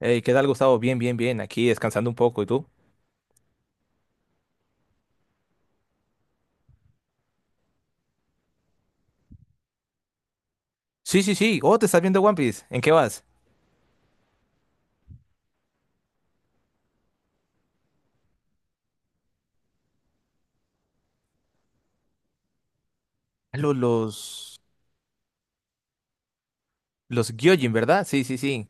Hey, ¿qué tal, Gustavo? Bien, bien, bien. Aquí descansando un poco. ¿Y tú? Sí, sí, sí. Oh, te estás viendo One Piece. ¿En qué vas? Ah, Los Gyojin, ¿verdad? Sí, sí, sí.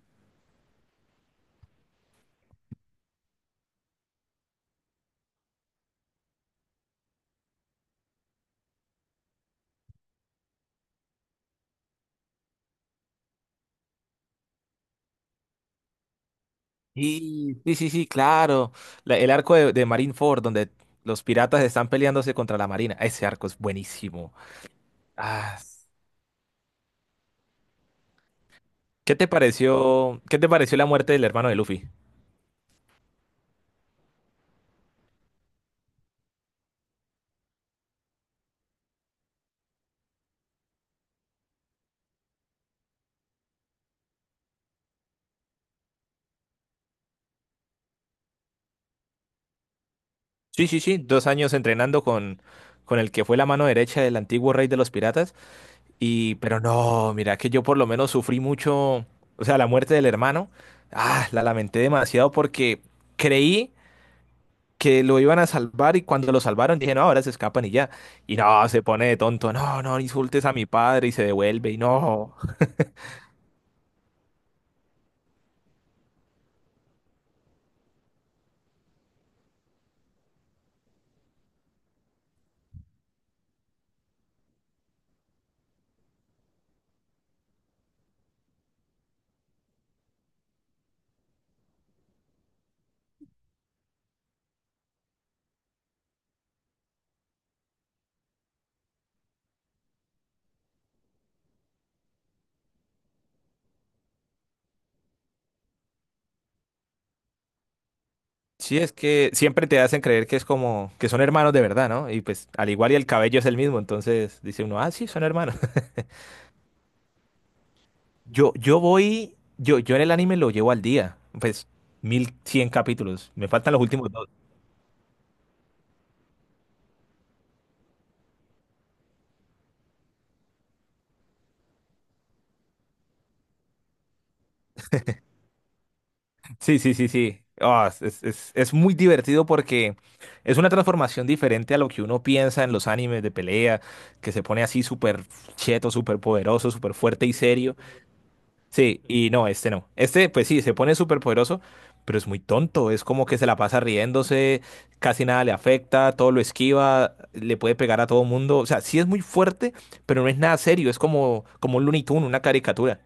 Sí, sí, sí, sí, claro. El arco de Marineford, donde los piratas están peleándose contra la marina. Ese arco es buenísimo. Ah, ¿qué te pareció? ¿Qué te pareció la muerte del hermano de Luffy? Sí, sí, sí. 2 años entrenando con el que fue la mano derecha del antiguo rey de los piratas. Y, pero no, mira, que yo por lo menos sufrí mucho, o sea, la muerte del hermano, ah, la lamenté demasiado porque creí que lo iban a salvar y cuando lo salvaron dije, no, ahora se escapan y ya. Y no, se pone de tonto, no, no insultes a mi padre y se devuelve y no. Sí, es que siempre te hacen creer que es como, que son hermanos de verdad, ¿no? Y pues al igual y el cabello es el mismo, entonces dice uno, ah, sí, son hermanos. Yo en el anime lo llevo al día, pues 1.100 capítulos, me faltan los últimos dos. Sí, sí, sí, sí. Ah, es muy divertido porque es una transformación diferente a lo que uno piensa en los animes de pelea, que se pone así súper cheto, súper poderoso, súper fuerte y serio. Sí, y no, este no. Este, pues sí, se pone súper poderoso, pero es muy tonto. Es como que se la pasa riéndose, casi nada le afecta, todo lo esquiva, le puede pegar a todo mundo. O sea, sí es muy fuerte, pero no es nada serio. Es como un Looney Tunes, una caricatura.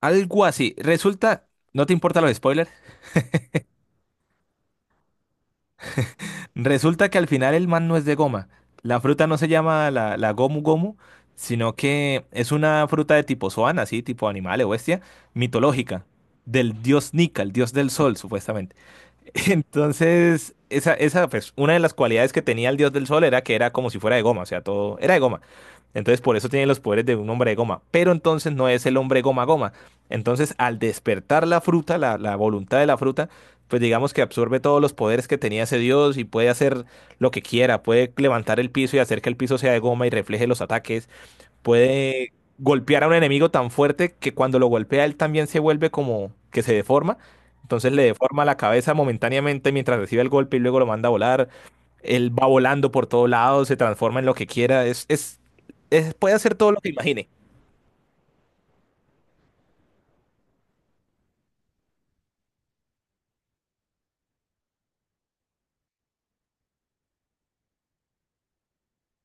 Algo así. Resulta, ¿no te importan los spoilers? Resulta que al final el man no es de goma. La fruta no se llama la gomu gomu, sino que es una fruta de tipo zoan, así, tipo animal o bestia, mitológica, del dios Nika, el dios del sol, supuestamente. Entonces, pues, una de las cualidades que tenía el dios del sol era que era como si fuera de goma, o sea, todo era de goma. Entonces, por eso tiene los poderes de un hombre de goma. Pero entonces no es el hombre goma goma. Entonces, al despertar la fruta, la voluntad de la fruta, pues digamos que absorbe todos los poderes que tenía ese dios y puede hacer lo que quiera, puede levantar el piso y hacer que el piso sea de goma y refleje los ataques, puede golpear a un enemigo tan fuerte que cuando lo golpea él también se vuelve como que se deforma, entonces le deforma la cabeza momentáneamente mientras recibe el golpe y luego lo manda a volar, él va volando por todos lados, se transforma en lo que quiera, puede hacer todo lo que imagine.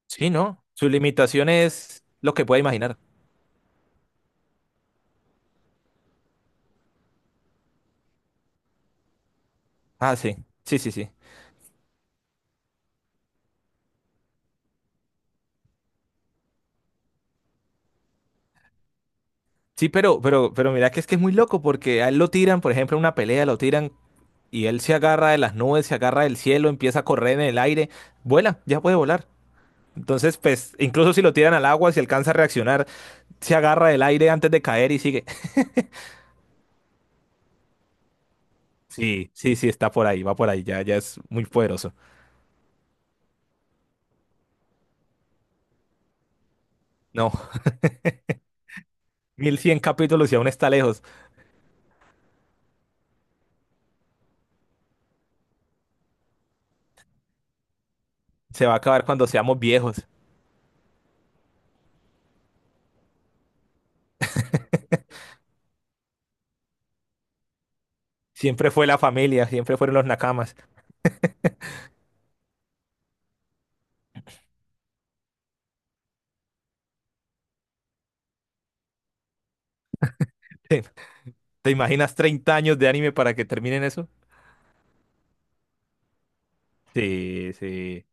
Sí, ¿no? Su limitación es lo que puede imaginar. Ah, sí, sí, sí, sí. Sí, pero mira que es muy loco porque a él lo tiran, por ejemplo, en una pelea lo tiran y él se agarra de las nubes, se agarra del cielo, empieza a correr en el aire, vuela, ya puede volar. Entonces, pues, incluso si lo tiran al agua, si alcanza a reaccionar, se agarra del aire antes de caer y sigue. Sí, sí, sí, está por ahí, va por ahí, ya, ya es muy poderoso. No, 1.100 capítulos y aún está lejos. Se va a acabar cuando seamos viejos. Siempre fue la familia, siempre fueron los nakamas. ¿Te imaginas 30 años de anime para que terminen eso? Sí, sí.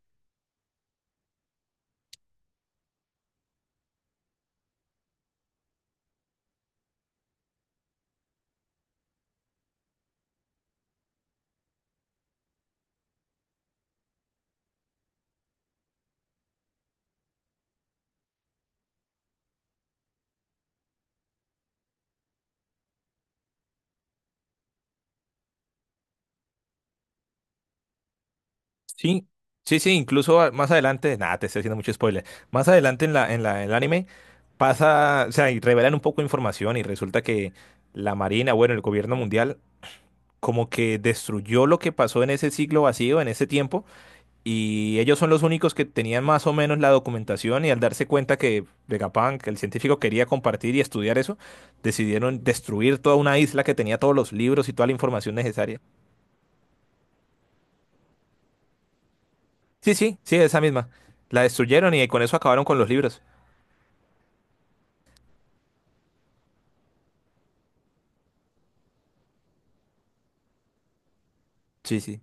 Sí, sí, sí, incluso más adelante, nada, te estoy haciendo mucho spoiler. Más adelante en en el anime pasa, o sea, y revelan un poco de información y resulta que la Marina, bueno, el gobierno mundial, como que destruyó lo que pasó en ese siglo vacío, en ese tiempo, y ellos son los únicos que tenían más o menos la documentación y al darse cuenta que Vegapunk, el científico, quería compartir y estudiar eso, decidieron destruir toda una isla que tenía todos los libros y toda la información necesaria. Sí, sí, sí, esa misma. La destruyeron y con eso acabaron con los libros. Sí, sí.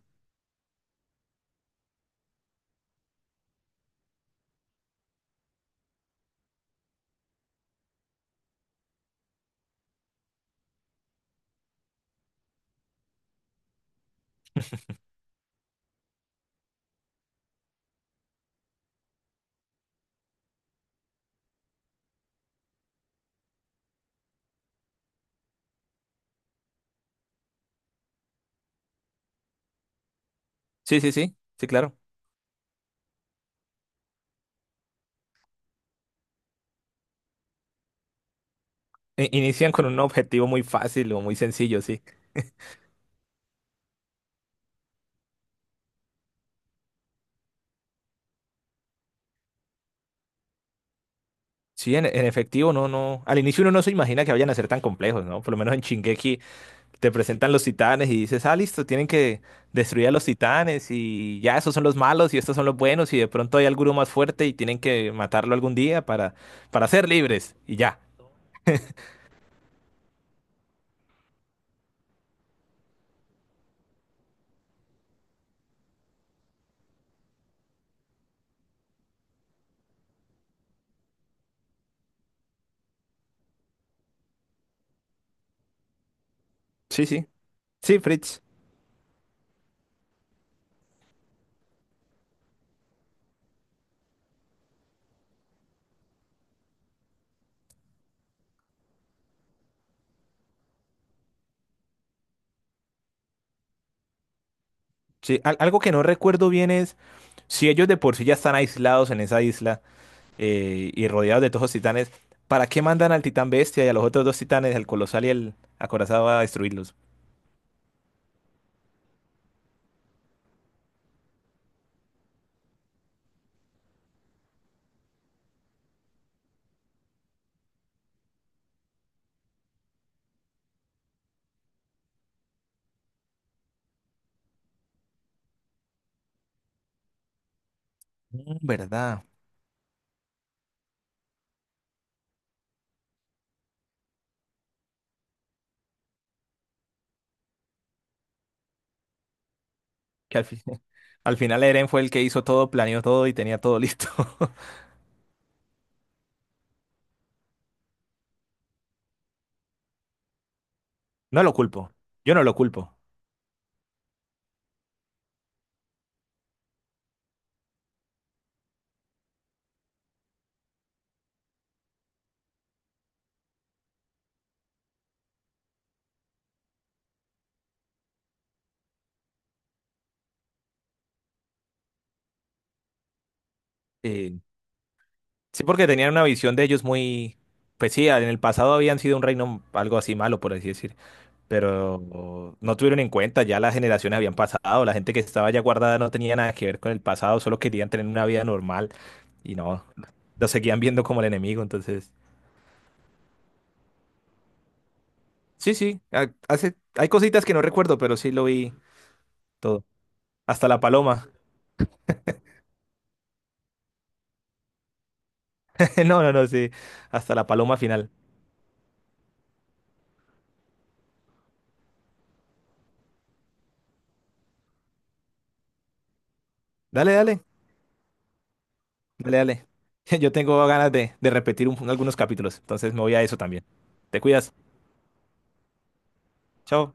Sí, sí, sí. Sí, claro. Inician con un objetivo muy fácil o muy sencillo, sí. Sí, en efectivo, no, no. Al inicio uno no se imagina que vayan a ser tan complejos, ¿no? Por lo menos en Shingeki te presentan los titanes y dices, ah, listo, tienen que destruir a los titanes y ya esos son los malos y estos son los buenos y de pronto hay alguno más fuerte y tienen que matarlo algún día para ser libres y ya. Sí, sí. Sí, Fritz. Sí, algo que no recuerdo bien es si ellos de por sí ya están aislados en esa isla. Eh, y rodeados de todos los titanes, ¿para qué mandan al titán bestia y a los otros dos titanes, el colosal y el acorazado, a destruirlos? Mm, ¿verdad? Que al fin- al final Eren fue el que hizo todo, planeó todo y tenía todo listo. No lo culpo, yo no lo culpo. Eh, sí, porque tenían una visión de ellos muy... Pues sí, en el pasado habían sido un reino algo así malo, por así decir. Pero no tuvieron en cuenta, ya las generaciones habían pasado, la gente que estaba ya guardada no tenía nada que ver con el pasado, solo querían tener una vida normal y no, lo seguían viendo como el enemigo, entonces, sí, sí, hace, hay cositas que no recuerdo, pero sí lo vi todo, hasta la paloma, no, no, no, sí, hasta la paloma final. Dale, dale, dale, dale. Yo tengo ganas de repetir algunos capítulos, entonces me voy a eso también. Te cuidas, chao.